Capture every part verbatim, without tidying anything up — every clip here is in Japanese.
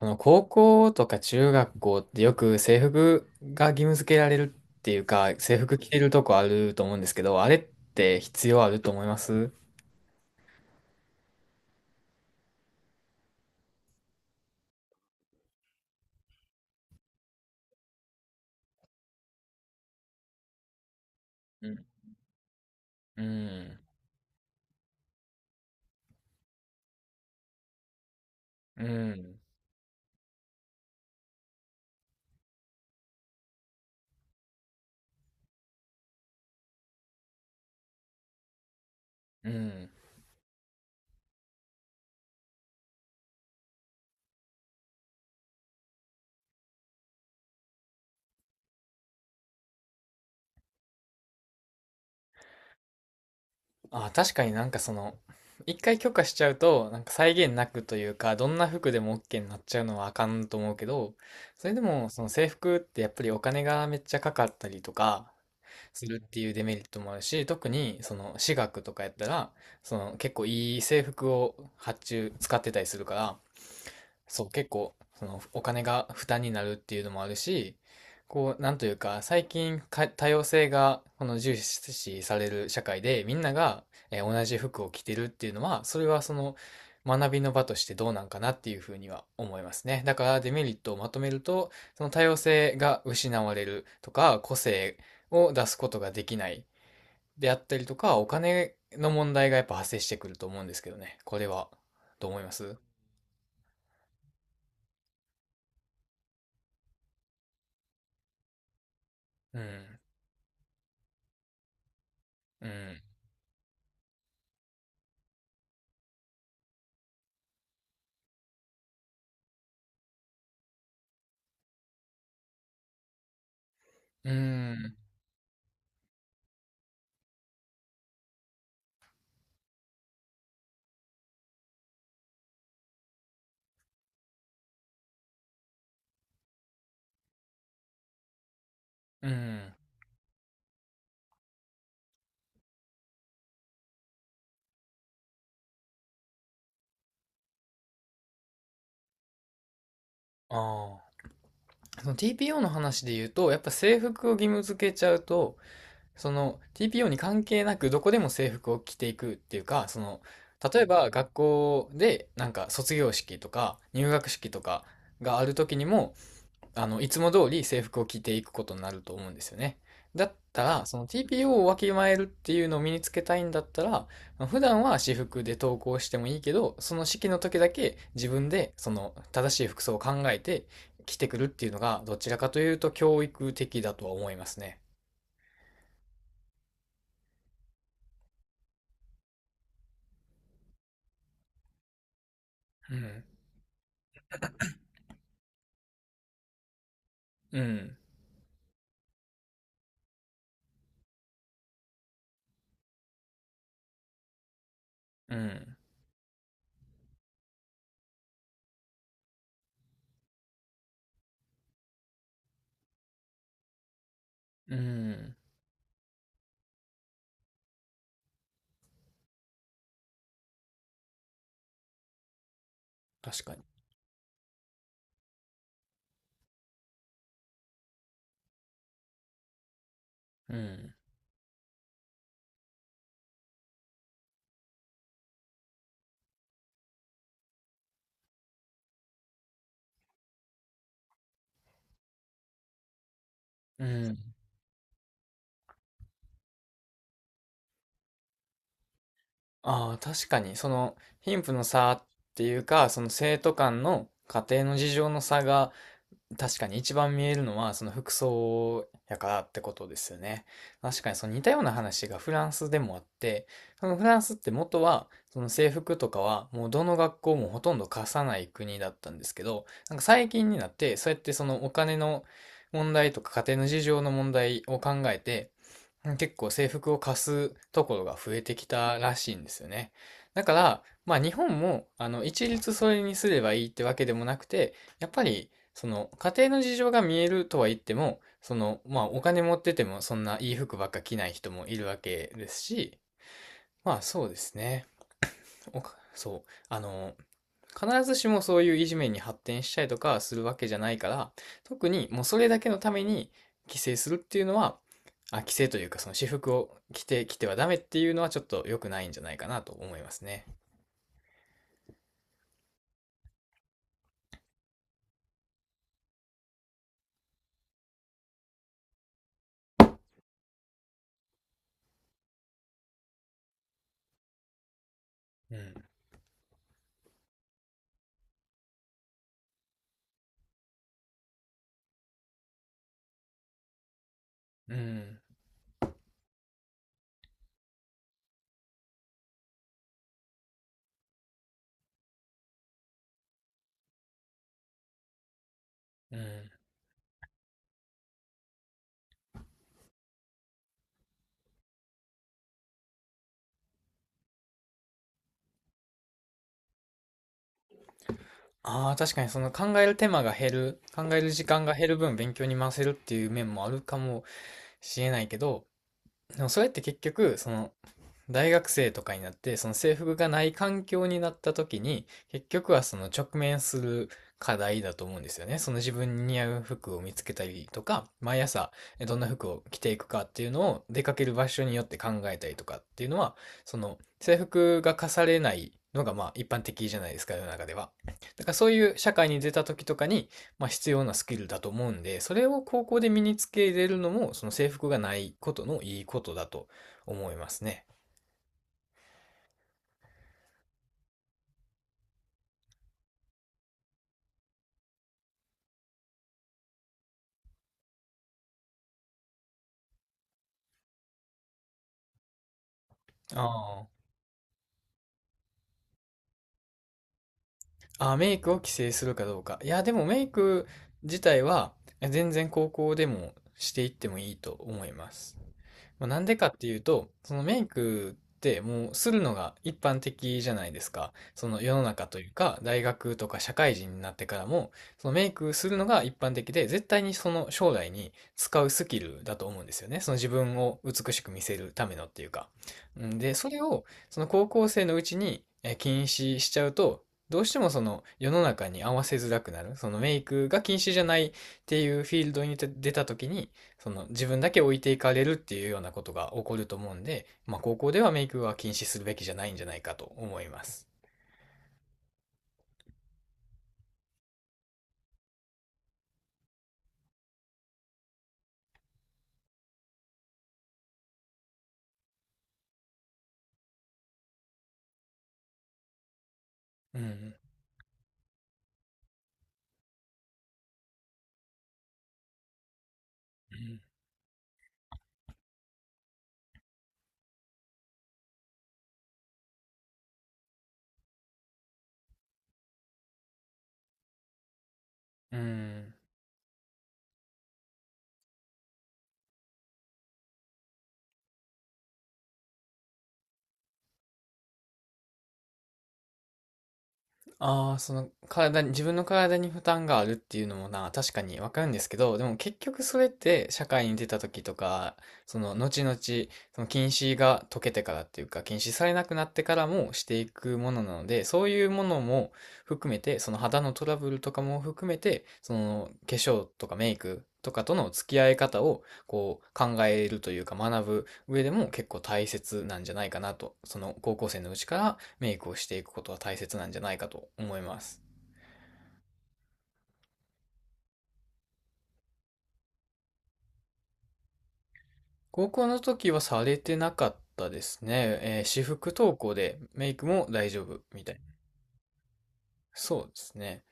あの高校とか中学校ってよく制服が義務付けられるっていうか、制服着てるとこあると思うんですけど、あれって必要あると思います？うん。うん。うん。うん。あ、確かになんかその、一回許可しちゃうと、なんか際限なくというか、どんな服でも OK になっちゃうのはあかんと思うけど、それでもその制服ってやっぱりお金がめっちゃかかったりとか、するっていうデメリットもあるし、特にその私学とかやったら、その結構いい制服を発注使ってたりするから、そう、結構、その、お金が負担になるっていうのもあるし、こう、なんというか、最近か、多様性が、この重視される社会で、みんなが、えー同じ服を着てるっていうのは、それはその、学びの場としてどうなんかなっていうふうには思いますね。だからデメリットをまとめると、その多様性が失われるとか、個性を出すことができないであったりとか、お金の問題がやっぱ発生してくると思うんですけどね。これは、どう思います？うん。うん。うん、うん、ああ。その ティーピーオー の話で言うと、やっぱ制服を義務付けちゃうと、その ティーピーオー に関係なくどこでも制服を着ていくっていうか、その、例えば学校でなんか卒業式とか入学式とかがある時にも、あの、いつも通り制服を着ていくことになると思うんですよね。だったら、その ティーピーオー をわきまえるっていうのを身につけたいんだったら、普段は私服で登校してもいいけど、その式の時だけ自分でその正しい服装を考えて着てくるっていうのが、どちらかというと教育的だとは思いますね。うん。うん。うん。うん。確かに。うん。うん。ああ、確かに、その貧富の差っていうか、その生徒間の家庭の事情の差が確かに一番見えるのはその服装やからってことですよね。確かにその似たような話がフランスでもあって、そのフランスって元はその制服とかはもうどの学校もほとんど貸さない国だったんですけど、なんか最近になってそうやってそのお金の問題とか家庭の事情の問題を考えて、結構制服を貸すところが増えてきたらしいんですよね。だから、まあ日本もあの一律それにすればいいってわけでもなくて、やっぱりその、家庭の事情が見えるとは言っても、その、まあ、お金持っててもそんないい服ばっか着ない人もいるわけですし、まあ、そうですね。おかそう。あの、必ずしもそういういじめに発展したりとかするわけじゃないから、特にもうそれだけのために規制するっていうのは、あ、規制というかその私服を着てきてはダメっていうのはちょっと良くないんじゃないかなと思いますね。うん。うん。うん。ああ、確かにその考える手間が減る、考える時間が減る分勉強に回せるっていう面もあるかもしれないけど、でもそれって結局、その大学生とかになって、その制服がない環境になった時に、結局はその直面する課題だと思うんですよね。その自分に似合う服を見つけたりとか、毎朝どんな服を着ていくかっていうのを出かける場所によって考えたりとかっていうのは、その制服が課されないのがまあ一般的じゃないですか、世の中では。だからそういう社会に出た時とかに、まあ、必要なスキルだと思うんで、それを高校で身につけれるのも、その制服がないことのいいことだと思いますね。ああ。あ、メイクを規制するかどうか。いや、でもメイク自体はえ全然高校でもしていってもいいと思います。まあ、なんでかっていうと、そのメイクってもうするのが一般的じゃないですか。その世の中というか、大学とか社会人になってからも、そのメイクするのが一般的で、絶対にその将来に使うスキルだと思うんですよね。その自分を美しく見せるためのっていうか。うんで、それをその高校生のうちにえー禁止しちゃうと、どうしてもその世の中に合わせづらくなる。そのメイクが禁止じゃないっていうフィールドに出た時に、その自分だけ置いていかれるっていうようなことが起こると思うんで、まあ、高校ではメイクは禁止するべきじゃないんじゃないかと思います。うん。うん。うん。ああ、その体に、自分の体に負担があるっていうのもな、確かにわかるんですけど、でも結局それって社会に出た時とか、その後々、その禁止が解けてからっていうか、禁止されなくなってからもしていくものなので、そういうものも含めて、その肌のトラブルとかも含めて、その化粧とかメイクとかとの付き合い方をこう考えるというか学ぶ上でも結構大切なんじゃないかなと、その高校生のうちからメイクをしていくことは大切なんじゃないかと思います。高校の時はされてなかったですね。えー私服登校でメイクも大丈夫みたい。な、そうですね。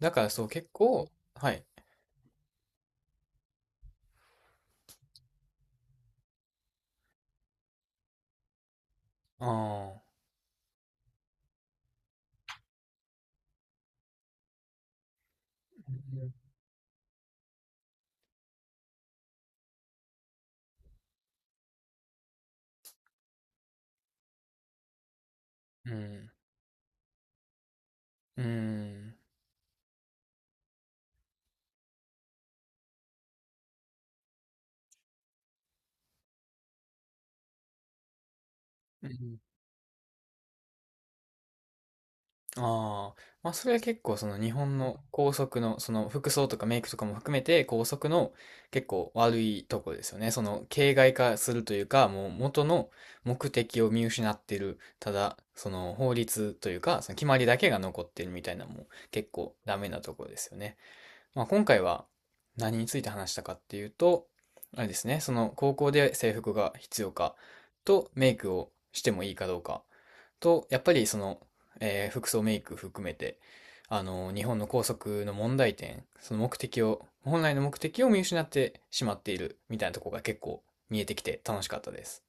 だからそう結構、はい。ああ。ん。うん。うん。うん。ああ、まあそれは結構その日本の校則のその服装とかメイクとかも含めて校則の結構悪いとこですよね。その形骸化するというかもう元の目的を見失ってる。ただその法律というかその決まりだけが残ってるみたいなのも結構ダメなとこですよね。まあ今回は何について話したかっていうと、まあれですね、その高校で制服が必要かとメイクをしてもいいかどうかと、やっぱりその、えー服装メイク含めて、あの、日本の校則の問題点、その目的を、本来の目的を見失ってしまっているみたいなところが結構見えてきて楽しかったです。